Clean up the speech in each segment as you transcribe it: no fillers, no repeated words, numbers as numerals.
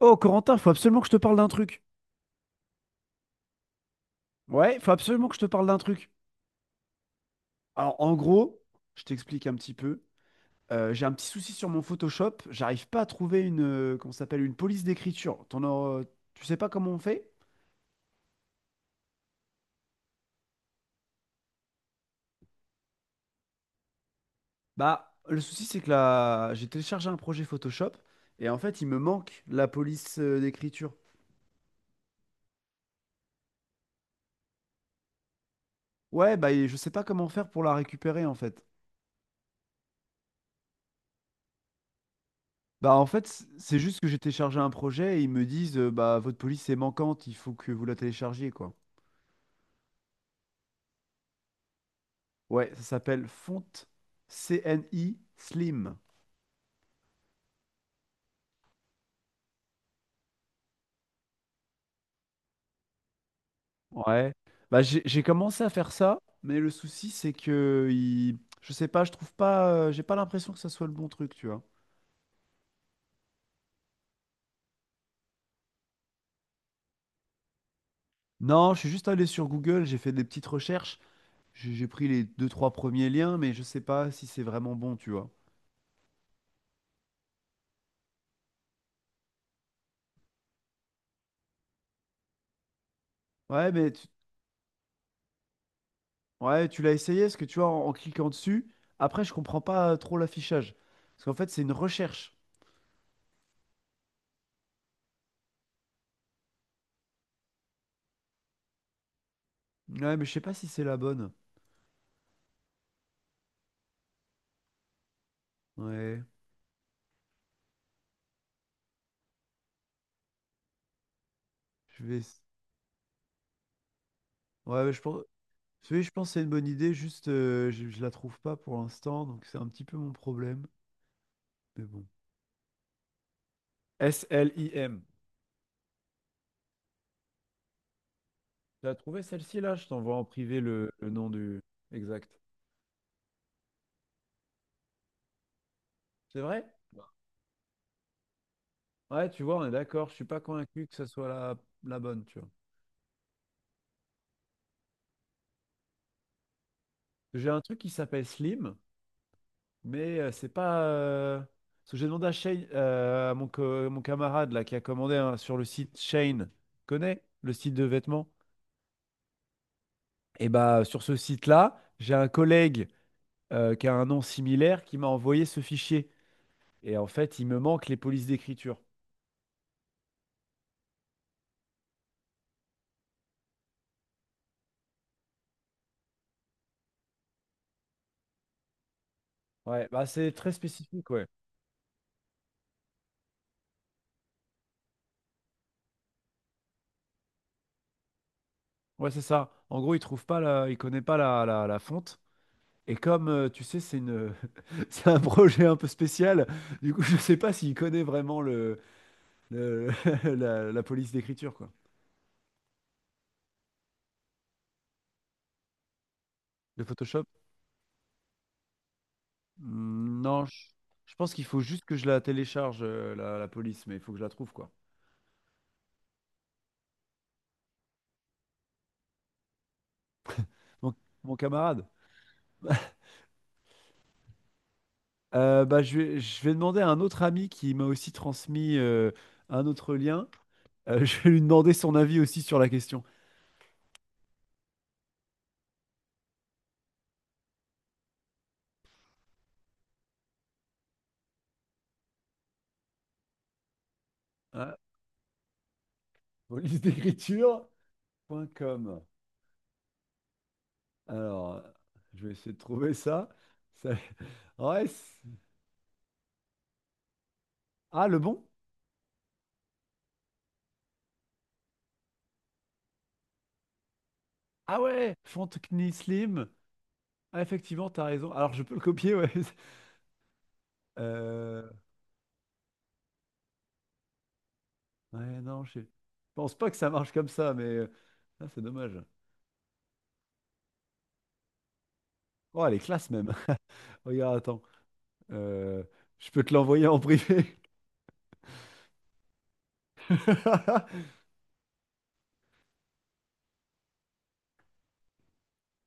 Oh, Corentin, faut absolument que je te parle d'un truc. Ouais, faut absolument que je te parle d'un truc. Alors, en gros, je t'explique un petit peu. J'ai un petit souci sur mon Photoshop. J'arrive pas à trouver une, comment ça s'appelle, une police d'écriture. Tu sais pas comment on fait? Bah, le souci, c'est que là, j'ai téléchargé un projet Photoshop et en fait, il me manque la police d'écriture. Ouais, bah, et je sais pas comment faire pour la récupérer en fait. Bah, en fait, c'est juste que j'ai téléchargé un projet et ils me disent, bah, votre police est manquante, il faut que vous la téléchargiez, quoi. Ouais, ça s'appelle Fonte CNI Slim. Ouais. Bah, j'ai commencé à faire ça, mais le souci, c'est que il... je sais pas, je trouve pas, j'ai pas l'impression que ça soit le bon truc, tu vois. Non, je suis juste allé sur Google, j'ai fait des petites recherches, j'ai pris les deux, trois premiers liens, mais je sais pas si c'est vraiment bon, tu vois. Ouais, mais ouais, tu l'as essayé, parce que tu vois, en cliquant dessus, après, je comprends pas trop l'affichage. Parce qu'en fait, c'est une recherche. Ouais, mais je sais pas si c'est la bonne. Ouais, je vais. Ouais, mais je pense. Oui, je pense que c'est une bonne idée, juste je la trouve pas pour l'instant, donc c'est un petit peu mon problème. Mais bon. S L Slim. Tu as trouvé celle-ci là? Je t'envoie en privé le nom du exact. C'est vrai? Ouais, tu vois, on est d'accord. Je suis pas convaincu que ce soit la bonne, tu vois. J'ai un truc qui s'appelle Slim, mais c'est pas. Parce que j'ai demandé à Shane, à mon camarade là qui a commandé hein, sur le site Shane. Connais le site de vêtements? Et bah sur ce site-là, j'ai un collègue, qui a un nom similaire, qui m'a envoyé ce fichier. Et en fait, il me manque les polices d'écriture. Ouais, bah c'est très spécifique, ouais. Ouais, c'est ça. En gros, il trouve pas la... il connaît pas la fonte. Et comme tu sais, c'est une... c'est un projet un peu spécial, du coup, je sais pas s'il connaît vraiment le, le- la police d'écriture, quoi. Le Photoshop? Non, je pense qu'il faut juste que je la télécharge, la police, mais il faut que je la trouve, quoi. Donc, mon camarade. Bah, je vais demander à un autre ami qui m'a aussi transmis un autre lien. Je vais lui demander son avis aussi sur la question. Hein, police-d'écriture.com. Alors, je vais essayer de trouver ça. Ça- Ouais, ah, le bon? Ah ouais, Fontenay Slim. Ah, effectivement, t'as raison. Alors, je peux le copier, ouais. Euh, Ouais, non, je pense pas que ça marche comme ça, mais ah, c'est dommage. Oh, elle est classe même. Regarde, attends. Euh, je peux te l'envoyer en privé.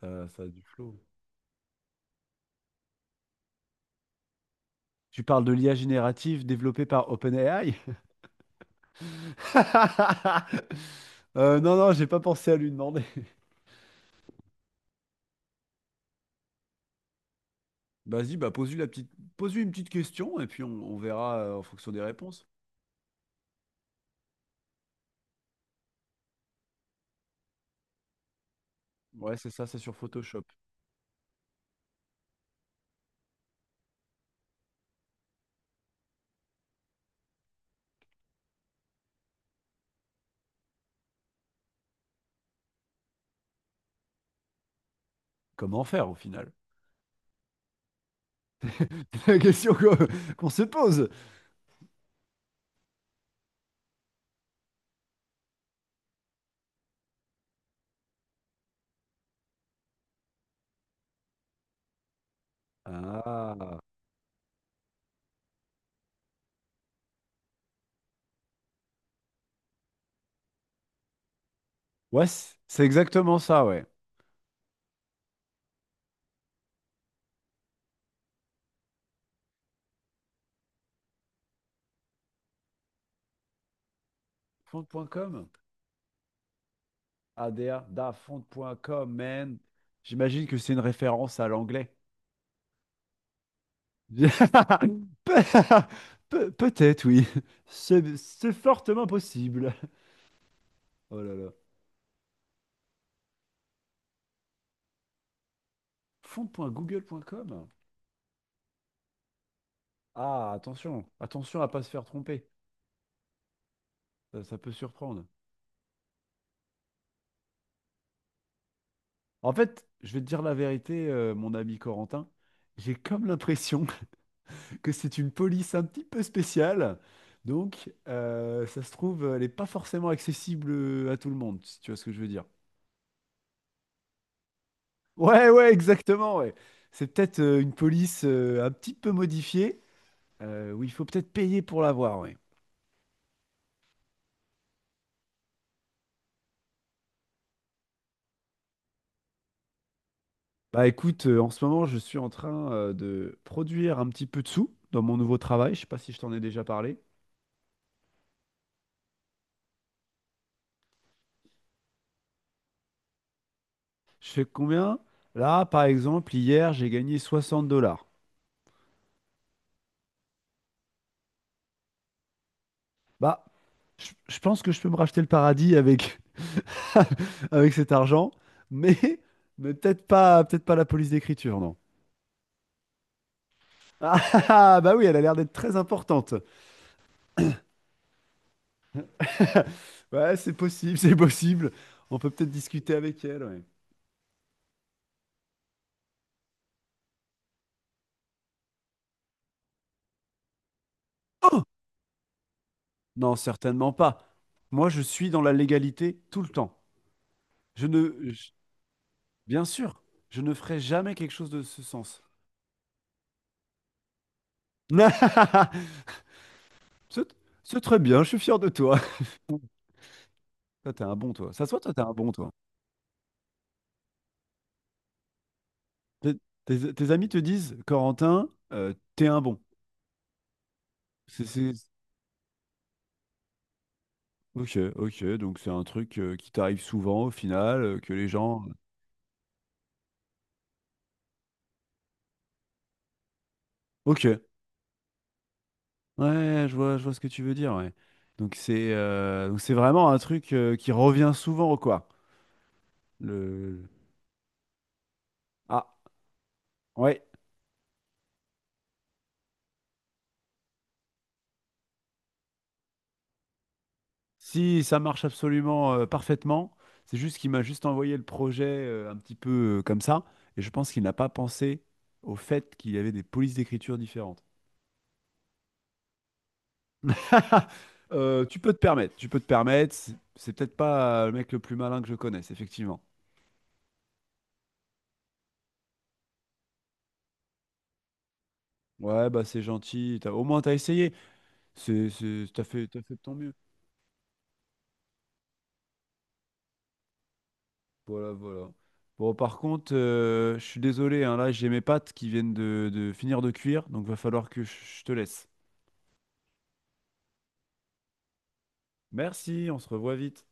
Ça a du flow. Tu parles de l'IA générative développée par OpenAI? Non, non, j'ai pas pensé à lui demander. Vas-y, bah pose-lui la petite... pose-lui une petite question et puis on verra en fonction des réponses. Ouais, c'est ça, c'est sur Photoshop. Comment faire au final? C'est la question qu'on se pose. Ah. Ouais, c'est exactement ça, ouais. Fond.com. ADA, dafont.com, man. J'imagine que c'est une référence à l'anglais. Pe- peut-être, oui. C'est fortement possible. Oh là là. Fond.google.com? Ah, attention. Attention à pas se faire tromper. Ça peut surprendre. En fait, je vais te dire la vérité, mon ami Corentin. J'ai comme l'impression que c'est une police un petit peu spéciale. Donc, ça se trouve, elle n'est pas forcément accessible à tout le monde, si tu vois ce que je veux dire. Ouais, ouais, exactement, ouais. C'est peut-être une police un petit peu modifiée, où il faut peut-être payer pour l'avoir, ouais. Bah écoute, en ce moment, je suis en train de produire un petit peu de sous dans mon nouveau travail. Je sais pas si je t'en ai déjà parlé. Je fais combien? Là, par exemple, hier, j'ai gagné 60 dollars. Bah, je pense que je peux me racheter le paradis avec, avec cet argent, mais, peut-être pas la police d'écriture, non. Ah, ah, ah, bah oui, elle a l'air d'être très importante. Ouais, c'est possible, c'est possible. On peut peut-être discuter avec elle. Ouais. Oh! Non, certainement pas. Moi, je suis dans la légalité tout le temps. Je ne, je- Bien sûr, je ne ferai jamais quelque chose de ce sens. C'est c'est très bien, je suis fier de toi. Toi, t'es un bon, toi. Ça se voit, toi, t'es un bon, toi. Tes, tes amis te disent, Corentin, t'es un bon. C'est, c'est- Ok, ok, donc c'est un truc qui t'arrive souvent au final, que les gens... Ok. Ouais, je vois ce que tu veux dire, ouais. Donc c'est vraiment un truc qui revient souvent, quoi. Le... Ah, ouais. Si ça marche absolument parfaitement, c'est juste qu'il m'a juste envoyé le projet un petit peu comme ça, et je pense qu'il n'a pas pensé au fait qu'il y avait des polices d'écriture différentes. Tu peux te permettre, tu peux te permettre. C'est peut-être pas le mec le plus malin que je connaisse, effectivement. Ouais, bah c'est gentil. Au moins t'as essayé. T'as fait de ton mieux. Voilà, voilà. Bon, par contre, je suis désolé, hein, là, j'ai mes pâtes qui viennent de finir de cuire, donc va falloir que je te laisse. Merci, on se revoit vite.